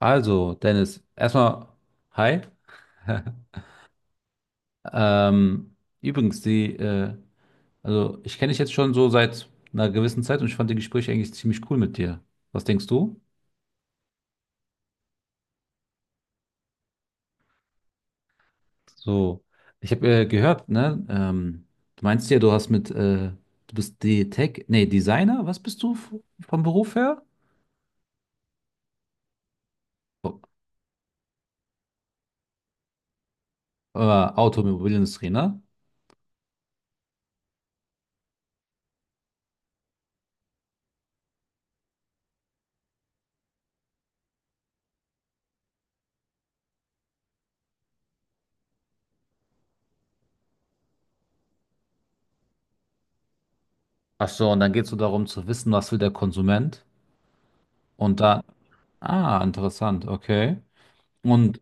Also, Dennis, erstmal, hi. Ähm, übrigens, die, äh, also ich kenne dich jetzt schon so seit einer gewissen Zeit und ich fand die Gespräche eigentlich ziemlich cool mit dir. Was denkst du? So, ich habe gehört, ne? Du meinst ja, du hast mit, du bist die Tech, nee, Designer, was bist du f- vom Beruf her? Oh, Automobilindustrie, ne? Ach so, und dann geht es so darum zu wissen, was will der Konsument und da, ah, interessant, okay. Und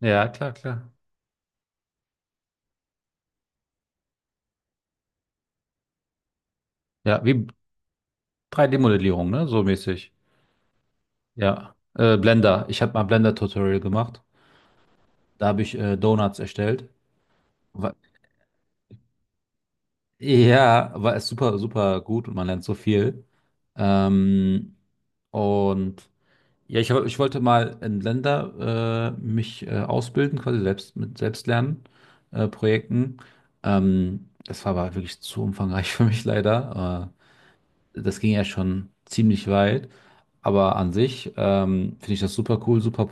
ja, klar, klar. Ja, wie drei d modellierung ne? So mäßig. Ja. Blender. Ich habe mal Blender-Tutorial gemacht. Da habe ich Donuts erstellt. Wa- ja, war es super, super gut und man lernt so viel. Ähm, und ja, ich wollte mal in Blender mich ausbilden, quasi selbst mit Selbstlernen, Projekten. Das war aber wirklich zu umfangreich für mich leider. Das ging ja schon ziemlich weit. Aber an sich finde ich das super cool, super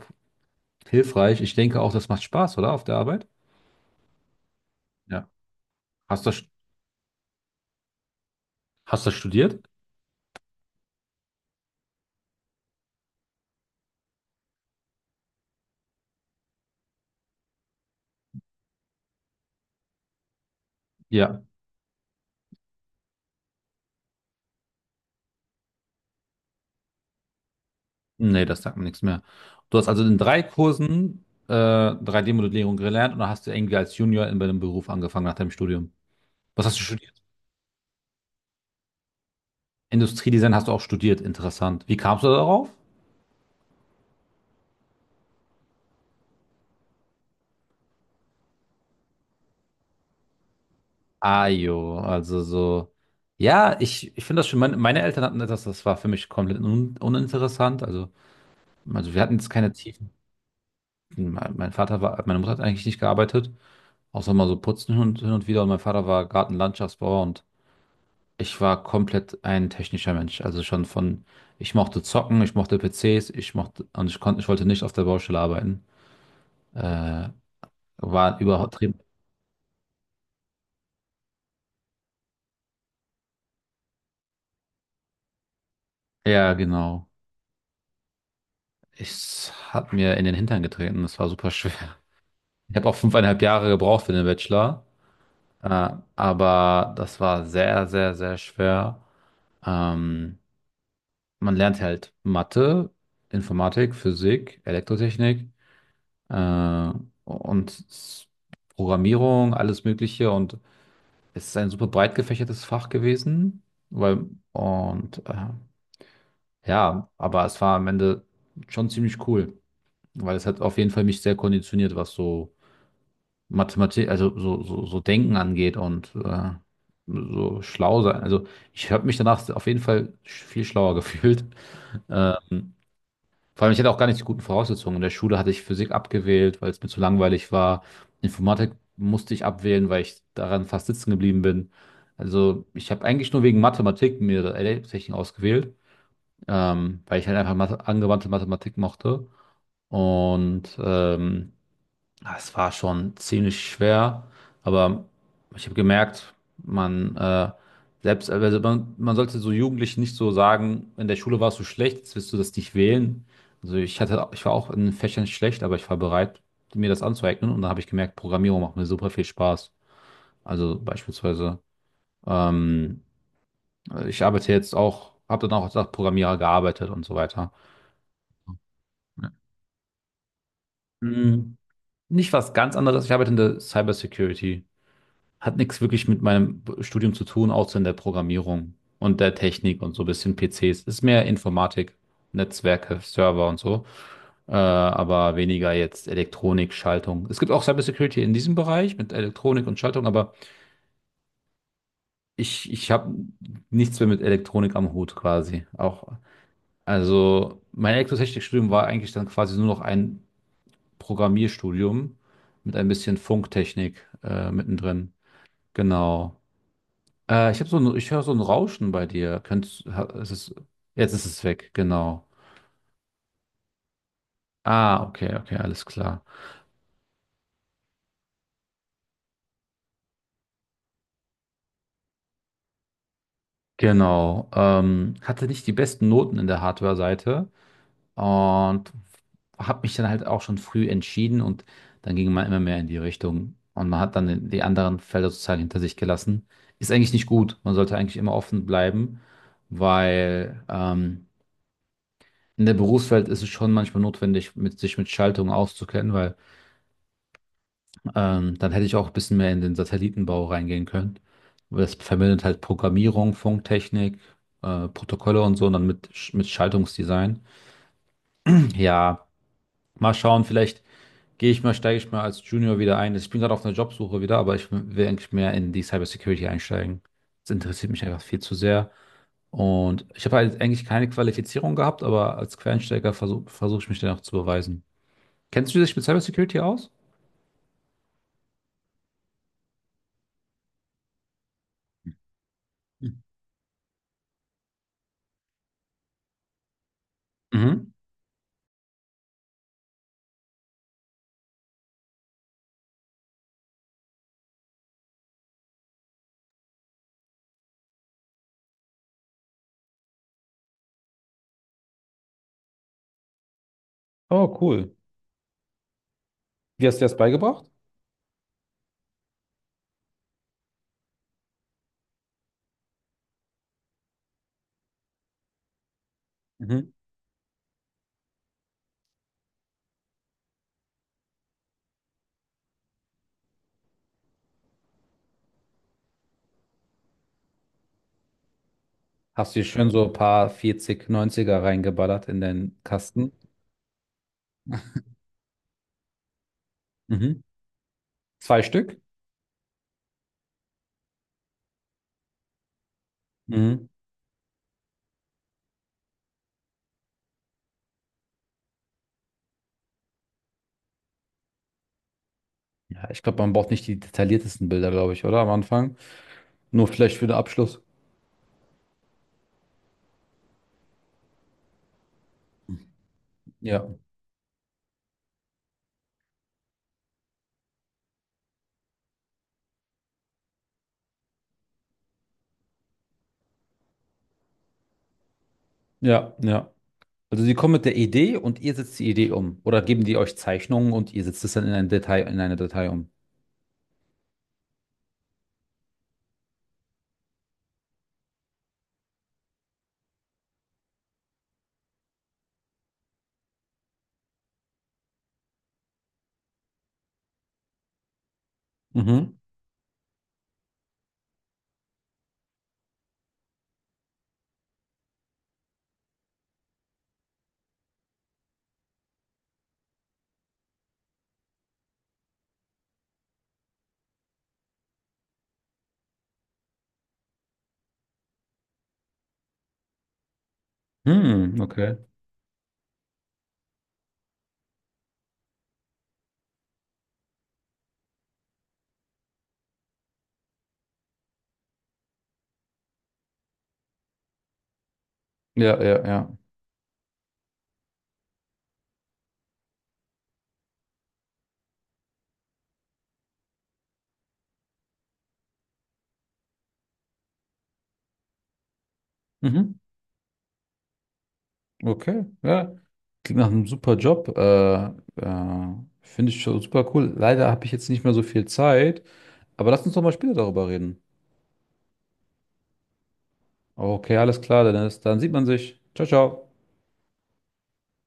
hilfreich. Ich denke auch, das macht Spaß, oder? Auf der Arbeit? Ja. Hast du, hast du studiert? Ja. Nee, das sagt mir nichts mehr. Du hast also in drei Kursen 3D-Modellierung gelernt und dann hast du irgendwie als Junior in deinem Beruf angefangen nach deinem Studium. Was hast du studiert? Industriedesign hast du auch studiert, interessant. Wie kamst du darauf? Ah, jo, also so. Ja, ich finde das schon, meine Eltern hatten etwas, das war für mich komplett uninteressant. Also wir hatten jetzt keine Tiefen. Mein Vater war, meine Mutter hat eigentlich nicht gearbeitet, außer mal so putzen hin und wieder. Und mein Vater war Gartenlandschaftsbauer und ich war komplett ein technischer Mensch. Also schon von, ich mochte zocken, ich mochte PCs, ich mochte, und ich konnte, ich wollte nicht auf der Baustelle arbeiten. Äh, war überhaupt, ja, genau. Ich hat mir in den Hintern getreten. Das war super schwer. Ich habe auch 5,5 Jahre gebraucht für den Bachelor. Äh, aber das war sehr, sehr, sehr schwer. Ähm, Man lernt halt Mathe, Informatik, Physik, Elektrotechnik äh, und s- Programmierung, alles Mögliche. Und es ist ein super breit gefächertes Fach gewesen, weil und ja, aber es war am Ende schon ziemlich cool, weil es hat auf jeden Fall mich sehr konditioniert, was so Mathematik, also so Denken angeht und so schlau sein. Also ich habe mich danach auf jeden Fall viel schlauer gefühlt. Ähm, Vor allem, ich hatte auch gar nicht die guten Voraussetzungen. In der Schule hatte ich Physik abgewählt, weil es mir zu langweilig war. Informatik musste ich abwählen, weil ich daran fast sitzen geblieben bin. Also ich habe eigentlich nur wegen Mathematik mir LA-Technik ausgewählt, weil ich halt einfach Mathe, angewandte Mathematik mochte. Und ähm, Es war schon ziemlich schwer, aber ich habe gemerkt, man selbst, also man sollte so Jugendlichen nicht so sagen, in der Schule warst du schlecht, jetzt wirst du das nicht wählen. Also ich hatte, ich war auch in Fächern schlecht, aber ich war bereit, mir das anzueignen und dann habe ich gemerkt, Programmierung macht mir super viel Spaß. Also beispielsweise, ähm, ich arbeite jetzt auch, habe dann auch als Programmierer gearbeitet und so weiter. Ja. Mm, nicht was ganz anderes, ich arbeite in der Cybersecurity. Hat nichts wirklich mit meinem Studium zu tun, außer in der Programmierung und der Technik und so ein bisschen PCs. Ist mehr Informatik, Netzwerke, Server und so, aber weniger jetzt Elektronik, Schaltung. Es gibt auch Cybersecurity in diesem Bereich mit Elektronik und Schaltung, aber ich habe nichts mehr mit Elektronik am Hut quasi. Auch, also mein Elektrotechnikstudium war eigentlich dann quasi nur noch ein Programmierstudium mit ein bisschen Funktechnik mittendrin. Genau. Ich habe so ein, ich höre so ein Rauschen bei dir. Könntest, ha- ist es, jetzt ist es weg, genau. Ah, okay, okay, alles klar. Genau. Hatte nicht die besten Noten in der Hardware-Seite und habe mich dann halt auch schon früh entschieden und dann ging man immer mehr in die Richtung und man hat die anderen Felder sozusagen hinter sich gelassen. Ist eigentlich nicht gut. Man sollte eigentlich immer offen bleiben, weil in der Berufswelt ist es schon manchmal notwendig, sich mit Schaltungen auszukennen, weil dann hätte ich auch ein bisschen mehr in den Satellitenbau reingehen können. Aber das verbindet halt Programmierung, Funktechnik, Protokolle und so und dann mit Schaltungsdesign. Ja, mal schauen, vielleicht steige ich mal als Junior wieder ein. Ich bin gerade auf einer Jobsuche wieder, aber ich will eigentlich mehr in die Cybersecurity einsteigen. Das interessiert mich einfach viel zu sehr. Und ich habe halt eigentlich keine Qualifizierung gehabt, aber als Quereinsteiger versuche ich mich dann auch zu beweisen. Kennst du dich mit Cybersecurity aus? Mhm. Oh, cool. Wie hast du dir das beigebracht? Mhm. Hast du dir schön so ein paar 40, 90er reingeballert in den Kasten? Mhm. Zwei Stück? Mhm. Ja, ich glaube, man braucht nicht die detailliertesten Bilder, glaube ich, oder? Am Anfang. Nur vielleicht für den Abschluss. Ja, ja, ja. Also sie kommen mit der Idee und ihr setzt die Idee um. Oder geben die euch Zeichnungen und ihr setzt es dann in ein Detail, in eine Datei um. Mhm. Hm, okay. Ja, ja, ja. Mhm. Okay, ja. Klingt nach einem super Job. Äh, finde ich schon super cool. Leider habe ich jetzt nicht mehr so viel Zeit. Aber lass uns doch mal später darüber reden. Okay, alles klar, Dennis. Dann sieht man sich. Ciao, ciao.